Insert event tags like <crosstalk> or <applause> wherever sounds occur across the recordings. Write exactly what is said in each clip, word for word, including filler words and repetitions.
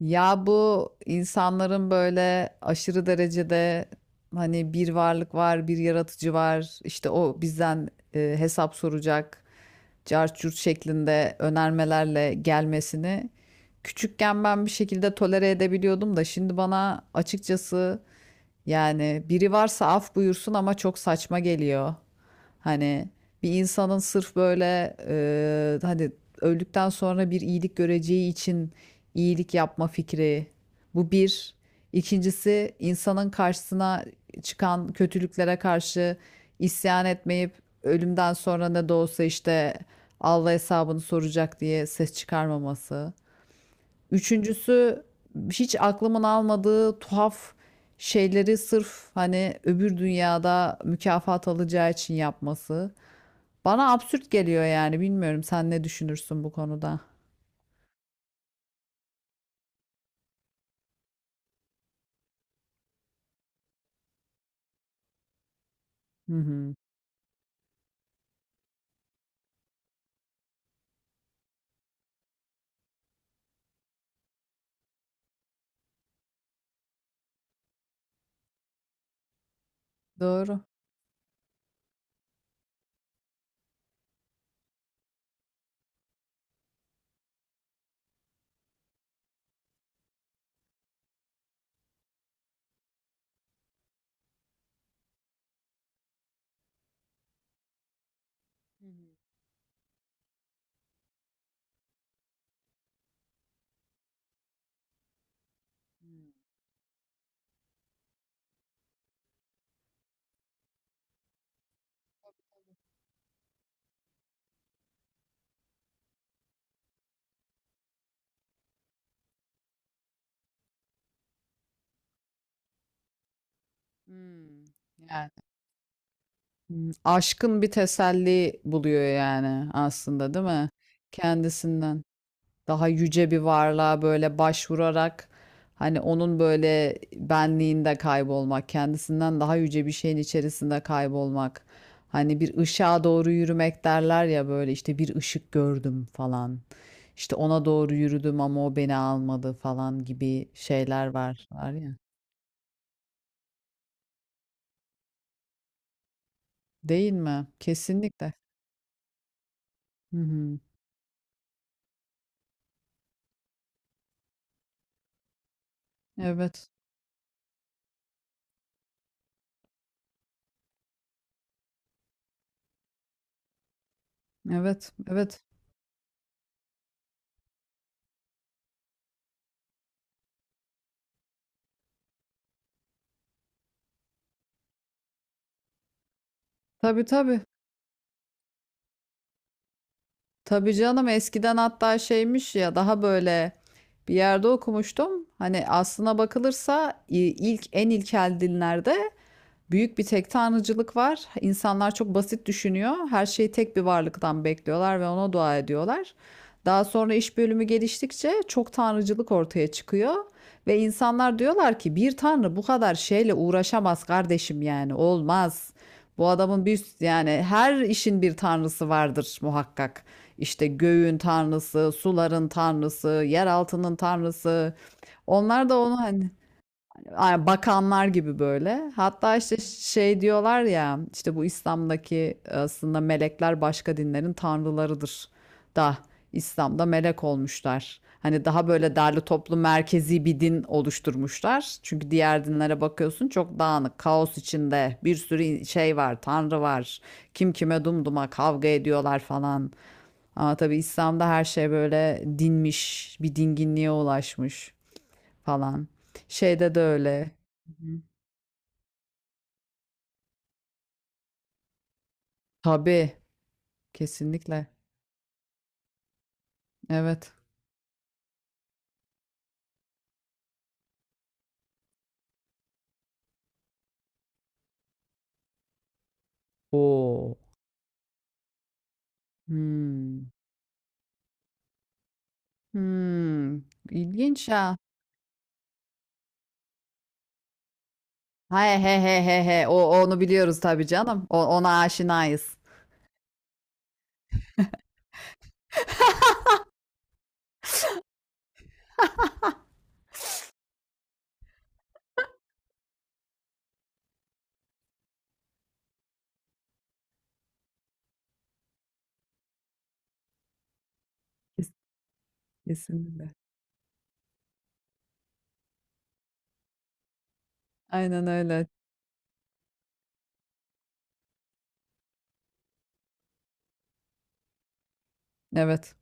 Ya bu insanların böyle aşırı derecede hani bir varlık var, bir yaratıcı var, işte o bizden e, hesap soracak, cart curt şeklinde önermelerle gelmesini küçükken ben bir şekilde tolere edebiliyordum da şimdi bana açıkçası yani biri varsa af buyursun ama çok saçma geliyor. Hani bir insanın sırf böyle e, hani öldükten sonra bir iyilik göreceği için iyilik yapma fikri. Bu bir. İkincisi insanın karşısına çıkan kötülüklere karşı isyan etmeyip ölümden sonra ne de olsa işte Allah hesabını soracak diye ses çıkarmaması. Üçüncüsü hiç aklımın almadığı tuhaf şeyleri sırf hani öbür dünyada mükafat alacağı için yapması. Bana absürt geliyor yani bilmiyorum sen ne düşünürsün bu konuda. Hı hı. Doğru. Hmm, yani hmm, aşkın bir teselli buluyor yani aslında değil mi? Kendisinden daha yüce bir varlığa böyle başvurarak hani onun böyle benliğinde kaybolmak, kendisinden daha yüce bir şeyin içerisinde kaybolmak. Hani bir ışığa doğru yürümek derler ya böyle işte bir ışık gördüm falan. İşte ona doğru yürüdüm ama o beni almadı falan gibi şeyler var, var ya. Değil mi? Kesinlikle. Hı hı. Evet. Evet, evet. Tabii, tabii. Tabii canım eskiden hatta şeymiş ya daha böyle bir yerde okumuştum. Hani aslına bakılırsa i- ilk en ilkel dinlerde büyük bir tek tanrıcılık var. İnsanlar çok basit düşünüyor. Her şeyi tek bir varlıktan bekliyorlar ve ona dua ediyorlar. Daha sonra iş bölümü geliştikçe çok tanrıcılık ortaya çıkıyor ve insanlar diyorlar ki bir tanrı bu kadar şeyle uğraşamaz kardeşim yani olmaz. Bu adamın bir yani her işin bir tanrısı vardır muhakkak. İşte göğün tanrısı, suların tanrısı, yer altının tanrısı. Onlar da onu hani ay, bakanlar gibi böyle. Hatta işte şey diyorlar ya işte bu İslam'daki e, aslında melekler başka dinlerin tanrılarıdır da İslam'da melek olmuşlar. Hani daha böyle derli toplu merkezi bir din oluşturmuşlar. Çünkü diğer dinlere bakıyorsun çok dağınık, kaos içinde bir sürü şey var, tanrı var. Kim kime dumduma kavga ediyorlar falan. Ama tabii İslam'da her şey böyle dinmiş, bir dinginliğe ulaşmış falan. Şeyde de öyle. Hı hı. Tabii, kesinlikle. Evet. Oo. Hmm. Hmm. İlginç ha. He he he he he. O onu biliyoruz tabii canım. O, ona aşinayız. Kes- Kesinlikle. Aynen öyle. Evet.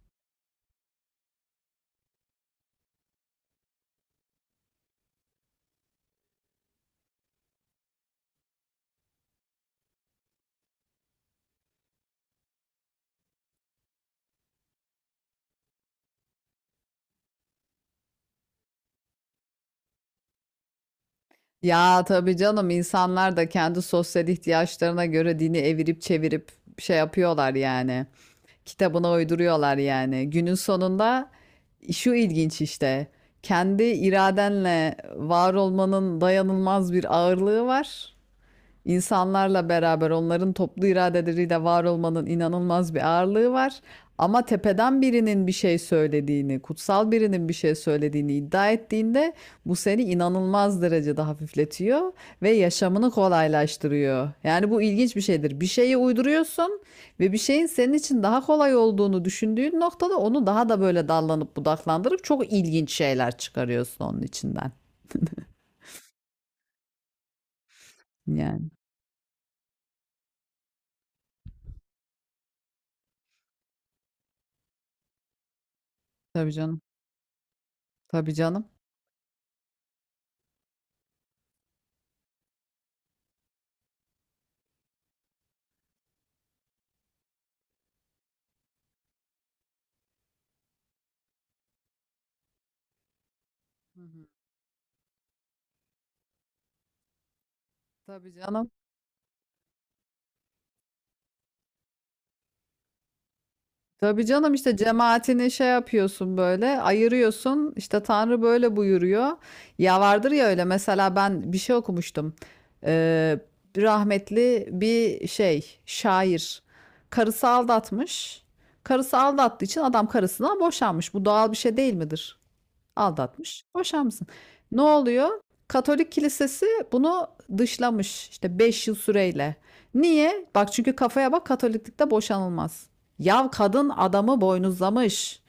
Ya tabii canım insanlar da kendi sosyal ihtiyaçlarına göre dini evirip çevirip şey yapıyorlar yani. Kitabına uyduruyorlar yani. Günün sonunda şu ilginç işte. Kendi iradenle var olmanın dayanılmaz bir ağırlığı var. İnsanlarla beraber onların toplu iradeleriyle var olmanın inanılmaz bir ağırlığı var. Ama tepeden birinin bir şey söylediğini, kutsal birinin bir şey söylediğini iddia ettiğinde bu seni inanılmaz derecede hafifletiyor ve yaşamını kolaylaştırıyor. Yani bu ilginç bir şeydir. Bir şeyi uyduruyorsun ve bir şeyin senin için daha kolay olduğunu düşündüğün noktada onu daha da böyle dallanıp budaklandırıp çok ilginç şeyler çıkarıyorsun onun içinden. Yani tabii canım. Tabii canım. Hı. Tabii canım. Tabii canım işte cemaatini şey yapıyorsun böyle ayırıyorsun işte Tanrı böyle buyuruyor. Ya vardır ya öyle mesela ben bir şey okumuştum. Ee, Rahmetli bir şey şair karısı aldatmış. Karısı aldattığı için adam karısından boşanmış. Bu doğal bir şey değil midir? Aldatmış, boşanmışsın. Ne oluyor? Katolik kilisesi bunu dışlamış işte beş yıl süreyle. Niye? Bak çünkü kafaya bak Katoliklikte boşanılmaz. Yav kadın adamı boynuzlamış.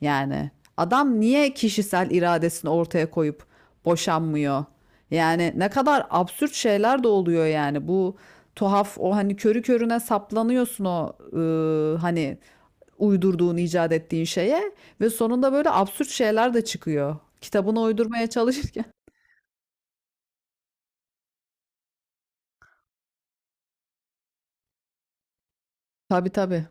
Yani adam niye kişisel iradesini ortaya koyup boşanmıyor? Yani ne kadar absürt şeyler de oluyor yani bu tuhaf o hani körü körüne saplanıyorsun o ıı, hani uydurduğun icat ettiğin şeye ve sonunda böyle absürt şeyler de çıkıyor. Kitabını uydurmaya çalışırken. <laughs> Tabii, tabii.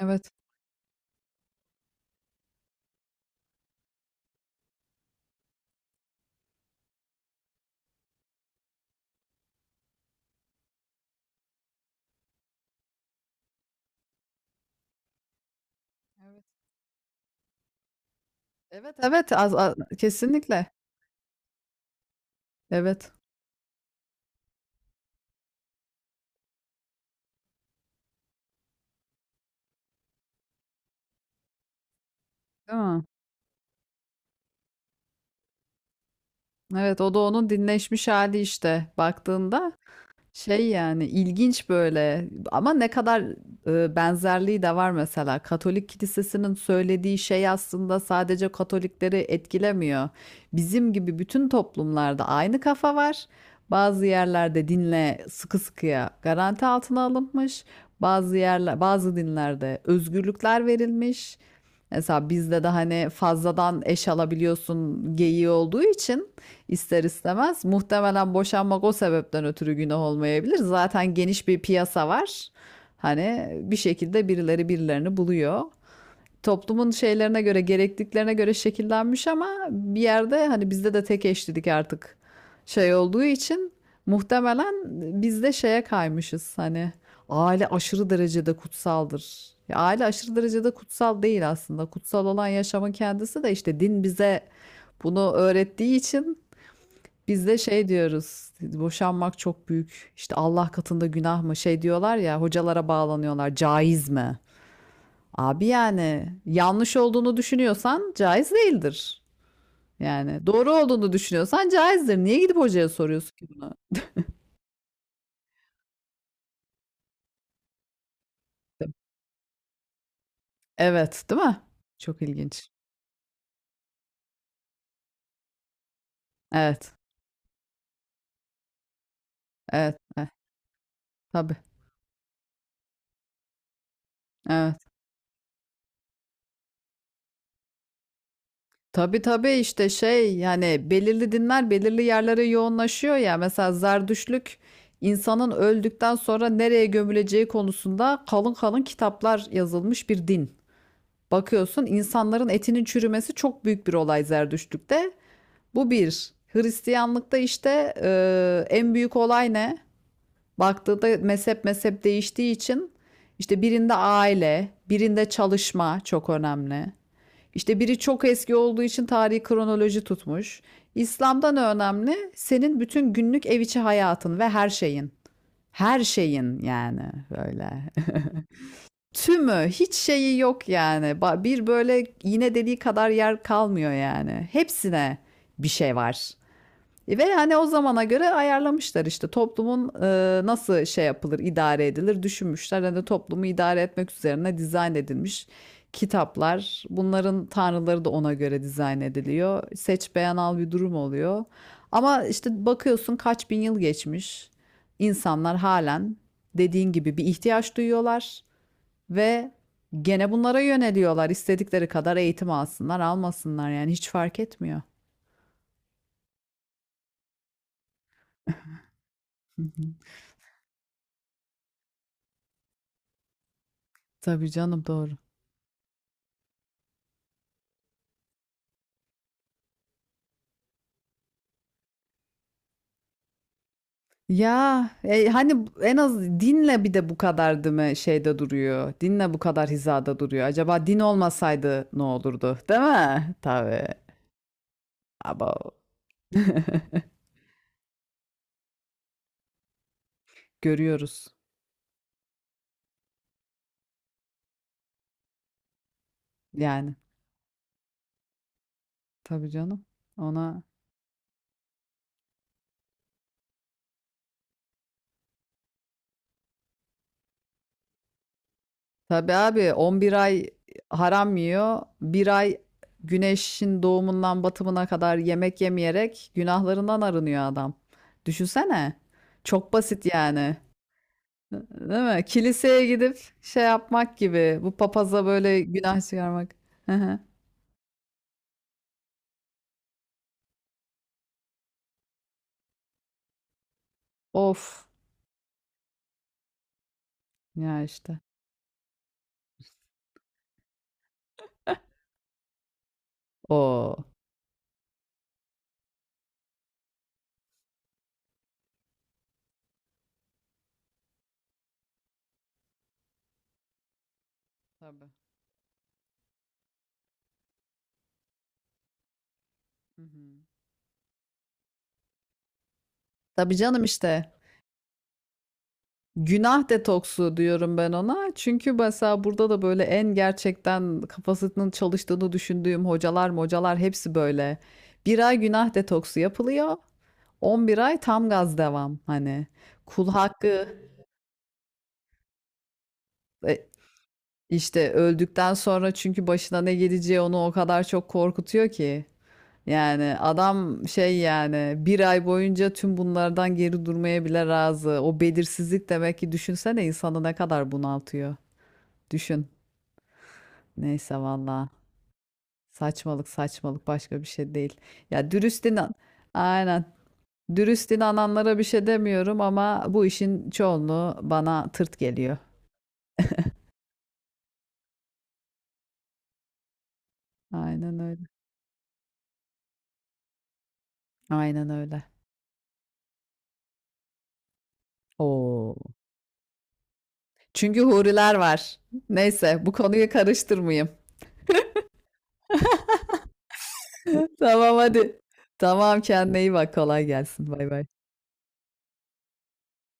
Evet. Evet. Evet, evet, az, az- kesinlikle. Evet. Değil mi? Evet, o da onun dinleşmiş hali işte baktığında şey yani ilginç böyle ama ne kadar e, benzerliği de var mesela. Katolik kilisesinin söylediği şey aslında sadece Katolikleri etkilemiyor. Bizim gibi bütün toplumlarda aynı kafa var. Bazı yerlerde dinle sıkı sıkıya garanti altına alınmış. Bazı yerler, bazı dinlerde özgürlükler verilmiş. Mesela bizde de hani fazladan eş alabiliyorsun geyiği olduğu için ister istemez. Muhtemelen boşanmak o sebepten ötürü günah olmayabilir. Zaten geniş bir piyasa var. Hani bir şekilde birileri birilerini buluyor. Toplumun şeylerine göre, gerekliliklerine göre şekillenmiş ama bir yerde hani bizde de tek eşlilik artık şey olduğu için muhtemelen bizde şeye kaymışız hani aile aşırı derecede kutsaldır. Ya aile aşırı derecede kutsal değil aslında. Kutsal olan yaşamın kendisi de işte din bize bunu öğrettiği için biz de şey diyoruz, boşanmak çok büyük, işte Allah katında günah mı şey diyorlar ya, hocalara bağlanıyorlar, caiz mi? Abi yani yanlış olduğunu düşünüyorsan caiz değildir. Yani doğru olduğunu düşünüyorsan caizdir. Niye gidip hocaya soruyorsun ki bunu? Evet, değil mi? Çok ilginç. Evet, evet, evet. Tabii, evet. Tabii, tabii işte şey yani belirli dinler belirli yerlere yoğunlaşıyor ya. Mesela Zerdüştlük insanın öldükten sonra nereye gömüleceği konusunda kalın kalın kitaplar yazılmış bir din. Bakıyorsun insanların etinin çürümesi çok büyük bir olay Zerdüştlük'te. Bu bir. Hristiyanlıkta işte e, en büyük olay ne? Baktığında mezhep mezhep değiştiği için işte birinde aile, birinde çalışma çok önemli. İşte biri çok eski olduğu için tarihi kronoloji tutmuş. İslam'dan önemli senin bütün günlük ev içi hayatın ve her şeyin. Her şeyin yani böyle. <laughs> Tümü hiç şeyi yok yani. Bir böyle iğne deliği kadar yer kalmıyor yani. Hepsine bir şey var. E, Ve hani o zamana göre ayarlamışlar işte toplumun e, nasıl şey yapılır, idare edilir düşünmüşler. Hani toplumu idare etmek üzerine dizayn edilmiş kitaplar. Bunların tanrıları da ona göre dizayn ediliyor. Seç beğen al bir durum oluyor. Ama işte bakıyorsun kaç bin yıl geçmiş. İnsanlar halen dediğin gibi bir ihtiyaç duyuyorlar ve gene bunlara yöneliyorlar. İstedikleri kadar eğitim alsınlar, almasınlar yani hiç fark etmiyor. Hı hı. Tabii canım doğru. Ya, e, hani bu- en az dinle bir de bu kadar değil mi şeyde duruyor. Dinle bu kadar hizada duruyor. Acaba din olmasaydı ne olurdu? Değil mi? Tabii. Abo. <laughs> Görüyoruz yani. Tabii canım. Ona tabii abi on bir ay haram yiyor. Bir ay güneşin doğumundan batımına kadar yemek yemeyerek günahlarından arınıyor adam. Düşünsene. Çok basit yani. Değil mi? Kiliseye gidip şey yapmak gibi. Bu papaza böyle günah çıkarmak. Hı hı. Of. Ya işte. O. Tabii. Hı hı. Tabii canım işte. Günah detoksu diyorum ben ona. Çünkü mesela burada da böyle en gerçekten kafasının çalıştığını düşündüğüm hocalar hocalar hepsi böyle. Bir ay günah detoksu yapılıyor. On bir ay tam gaz devam. Hani kul hakkı e, İşte öldükten sonra çünkü başına ne geleceği onu o kadar çok korkutuyor ki. Yani adam şey yani bir ay boyunca tüm bunlardan geri durmaya bile razı. O belirsizlik demek ki düşünsene insanı ne kadar bunaltıyor. Düşün. Neyse valla. Saçmalık, saçmalık başka bir şey değil. Ya dürüst inan. Aynen. Dürüst inananlara bir şey demiyorum ama bu işin çoğunluğu bana tırt geliyor. Aynen öyle. Aynen öyle. Oo. Çünkü huriler var. Neyse bu konuyu karıştırmayayım. <laughs> Tamam hadi. Tamam kendine iyi bak kolay gelsin. Bay bay.